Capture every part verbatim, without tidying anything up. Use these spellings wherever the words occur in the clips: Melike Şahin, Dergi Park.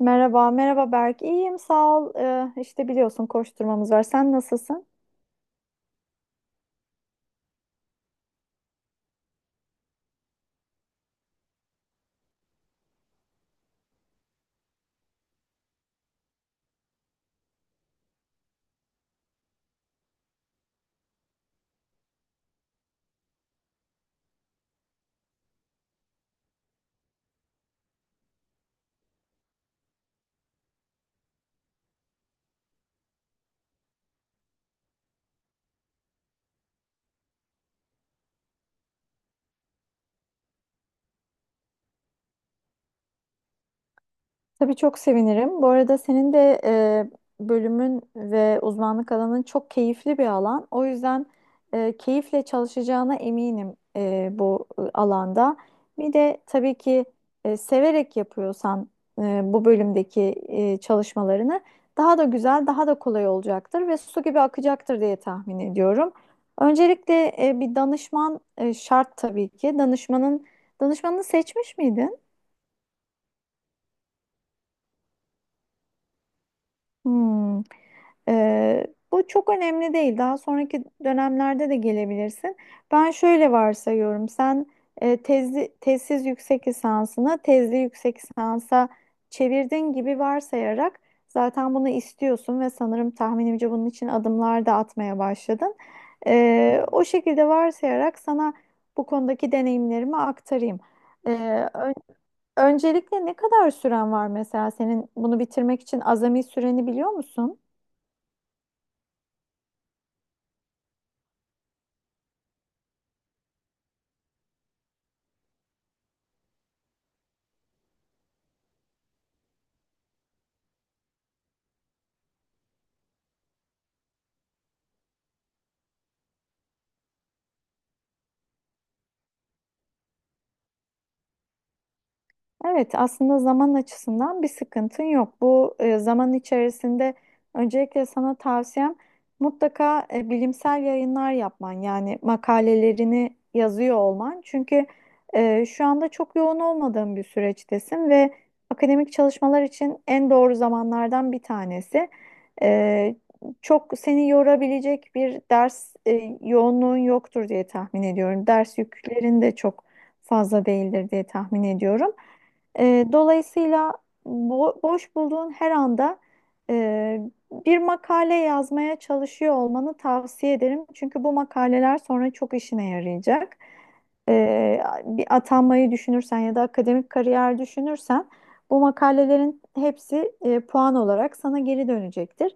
Merhaba, merhaba Berk. İyiyim, sağ ol. Ee, işte biliyorsun koşturmamız var. Sen nasılsın? Tabii çok sevinirim. Bu arada senin de e, bölümün ve uzmanlık alanın çok keyifli bir alan. O yüzden e, keyifle çalışacağına eminim e, bu e, alanda. Bir de tabii ki e, severek yapıyorsan e, bu bölümdeki e, çalışmalarını daha da güzel, daha da kolay olacaktır ve su gibi akacaktır diye tahmin ediyorum. Öncelikle e, bir danışman e, şart tabii ki. Danışmanın danışmanını seçmiş miydin? Hmm. Ee, bu çok önemli değil. Daha sonraki dönemlerde de gelebilirsin. Ben şöyle varsayıyorum. Sen e, tezli, tezsiz yüksek lisansını tezli yüksek lisansa çevirdin gibi varsayarak zaten bunu istiyorsun ve sanırım tahminimce bunun için adımlar da atmaya başladın. Ee, o şekilde varsayarak sana bu konudaki deneyimlerimi aktarayım. Ee, Öncelikle ne kadar süren var mesela senin bunu bitirmek için azami süreni biliyor musun? Evet, aslında zaman açısından bir sıkıntın yok. Bu e, zaman içerisinde öncelikle sana tavsiyem mutlaka e, bilimsel yayınlar yapman yani makalelerini yazıyor olman. Çünkü e, şu anda çok yoğun olmadığın bir süreçtesin ve akademik çalışmalar için en doğru zamanlardan bir tanesi. E, Çok seni yorabilecek bir ders e, yoğunluğun yoktur diye tahmin ediyorum. Ders yüklerin de çok fazla değildir diye tahmin ediyorum. Ee, dolayısıyla bo- boş bulduğun her anda e, bir makale yazmaya çalışıyor olmanı tavsiye ederim. Çünkü bu makaleler sonra çok işine yarayacak. Ee, bir atanmayı düşünürsen ya da akademik kariyer düşünürsen bu makalelerin hepsi e, puan olarak sana geri dönecektir.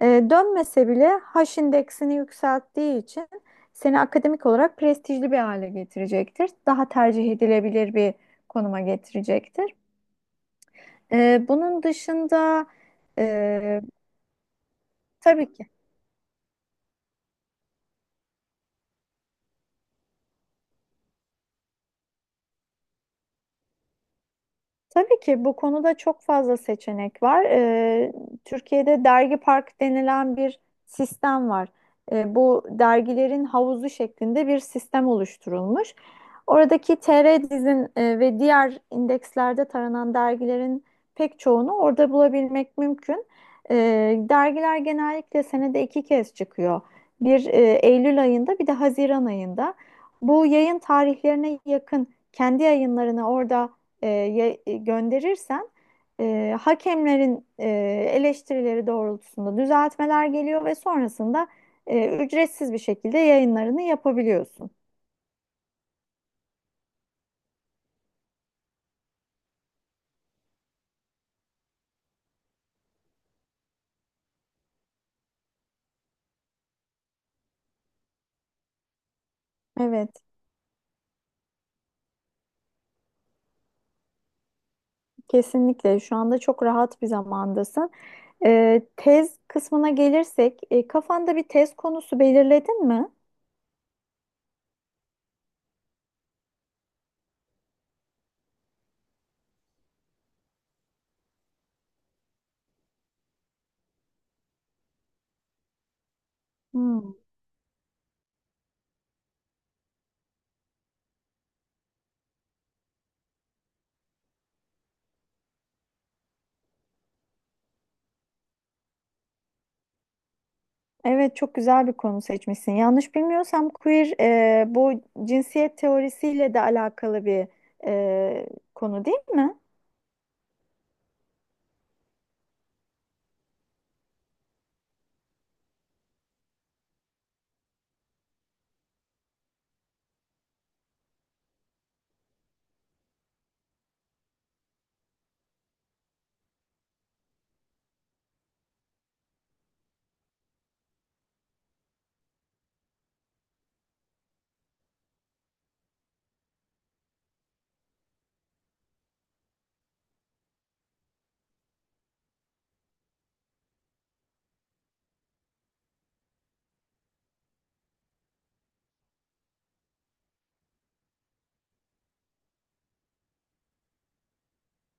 E, dönmese bile H indeksini yükselttiği için seni akademik olarak prestijli bir hale getirecektir. Daha tercih edilebilir bir konuma getirecektir. Ee, bunun dışında e, tabii ki Tabii ki bu konuda çok fazla seçenek var. Ee, Türkiye'de dergi park denilen bir sistem var. Ee, bu dergilerin havuzu şeklinde bir sistem oluşturulmuş. Oradaki T R-Diz'in e, ve diğer indekslerde taranan dergilerin pek çoğunu orada bulabilmek mümkün. Ee, dergiler genellikle senede iki kez çıkıyor. Bir e, Eylül ayında bir de Haziran ayında. Bu yayın tarihlerine yakın kendi yayınlarını orada e, ya- e, gönderirsen e, hakemlerin e, eleştirileri doğrultusunda düzeltmeler geliyor ve sonrasında e, ücretsiz bir şekilde yayınlarını yapabiliyorsun. Evet, kesinlikle. Şu anda çok rahat bir zamandasın. E, tez kısmına gelirsek, e, kafanda bir tez konusu belirledin mi? Hmm. Evet, çok güzel bir konu seçmişsin. Yanlış bilmiyorsam queer e, bu cinsiyet teorisiyle de alakalı bir e, konu değil mi?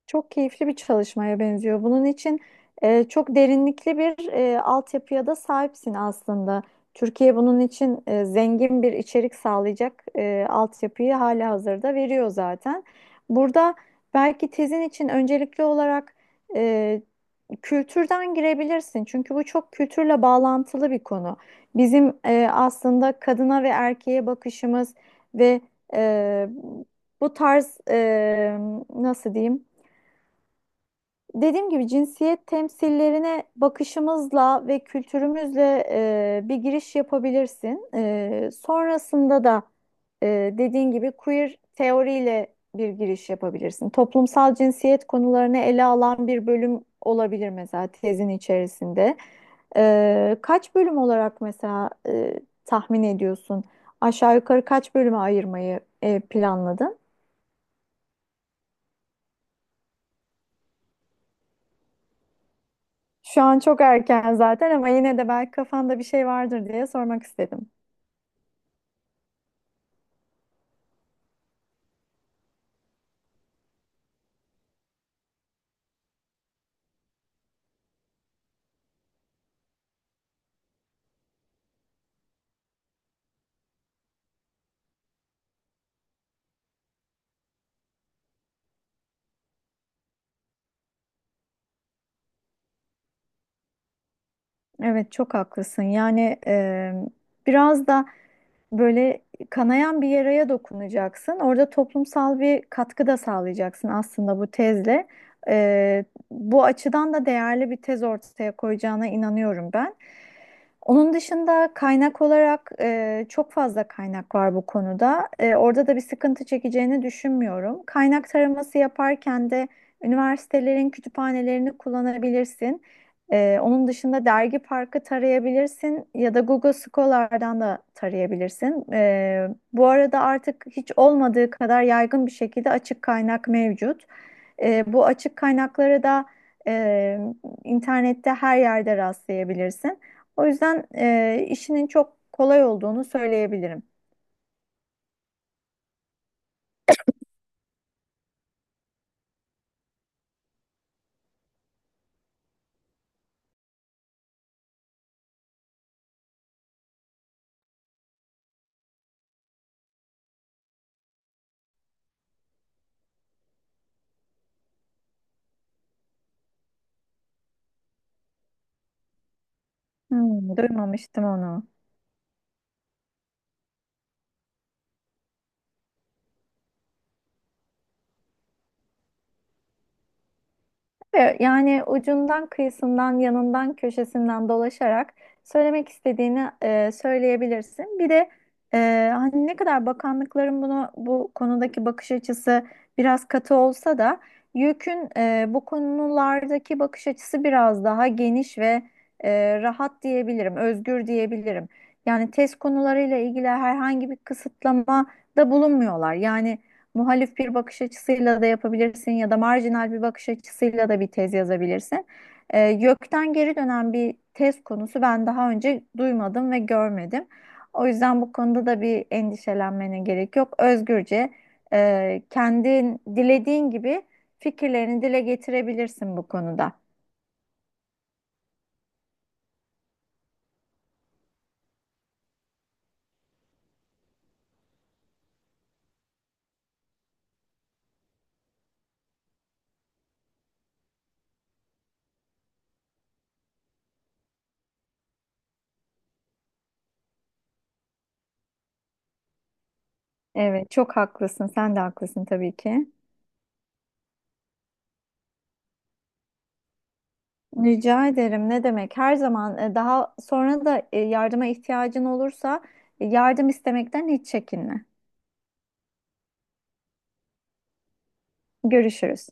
Çok keyifli bir çalışmaya benziyor. Bunun için e, çok derinlikli bir e, altyapıya da sahipsin aslında. Türkiye bunun için e, zengin bir içerik sağlayacak e, altyapıyı hala hazırda veriyor zaten. Burada belki tezin için öncelikli olarak e, kültürden girebilirsin. Çünkü bu çok kültürle bağlantılı bir konu. Bizim e, aslında kadına ve erkeğe bakışımız ve e, bu tarz e, nasıl diyeyim? Dediğim gibi cinsiyet temsillerine bakışımızla ve kültürümüzle e, bir giriş yapabilirsin. E, sonrasında da e, dediğin gibi queer teoriyle bir giriş yapabilirsin. Toplumsal cinsiyet konularını ele alan bir bölüm olabilir mesela tezin içerisinde. E, kaç bölüm olarak mesela e, tahmin ediyorsun? Aşağı yukarı kaç bölüme ayırmayı e, planladın? Şu an çok erken zaten ama yine de belki kafanda bir şey vardır diye sormak istedim. Evet, çok haklısın. Yani e, biraz da böyle kanayan bir yaraya dokunacaksın. Orada toplumsal bir katkı da sağlayacaksın aslında bu tezle. Ee, bu açıdan da değerli bir tez ortaya koyacağına inanıyorum ben. Onun dışında kaynak olarak e, çok fazla kaynak var bu konuda. E, orada da bir sıkıntı çekeceğini düşünmüyorum. Kaynak taraması yaparken de üniversitelerin kütüphanelerini kullanabilirsin. Ee, onun dışında Dergi Park'ı tarayabilirsin ya da Google Scholar'dan da tarayabilirsin. Ee, bu arada artık hiç olmadığı kadar yaygın bir şekilde açık kaynak mevcut. Ee, bu açık kaynakları da e, internette her yerde rastlayabilirsin. O yüzden e, işinin çok kolay olduğunu söyleyebilirim. Hmm, duymamıştım onu. Ve yani ucundan, kıyısından, yanından, köşesinden dolaşarak söylemek istediğini e, söyleyebilirsin. Bir de e, hani ne kadar bakanlıkların bunu bu konudaki bakış açısı biraz katı olsa da YÖK'ün e, bu konulardaki bakış açısı biraz daha geniş ve e, rahat diyebilirim, özgür diyebilirim. Yani test konularıyla ilgili herhangi bir kısıtlama da bulunmuyorlar. Yani muhalif bir bakış açısıyla da yapabilirsin ya da marjinal bir bakış açısıyla da bir tez yazabilirsin. Ee, gökten geri dönen bir tez konusu ben daha önce duymadım ve görmedim. O yüzden bu konuda da bir endişelenmene gerek yok. Özgürce e, kendin dilediğin gibi fikirlerini dile getirebilirsin bu konuda. Evet, çok haklısın. Sen de haklısın tabii ki. Rica ederim. Ne demek? Her zaman e, daha sonra da e, yardıma ihtiyacın olursa e, yardım istemekten hiç çekinme. Görüşürüz.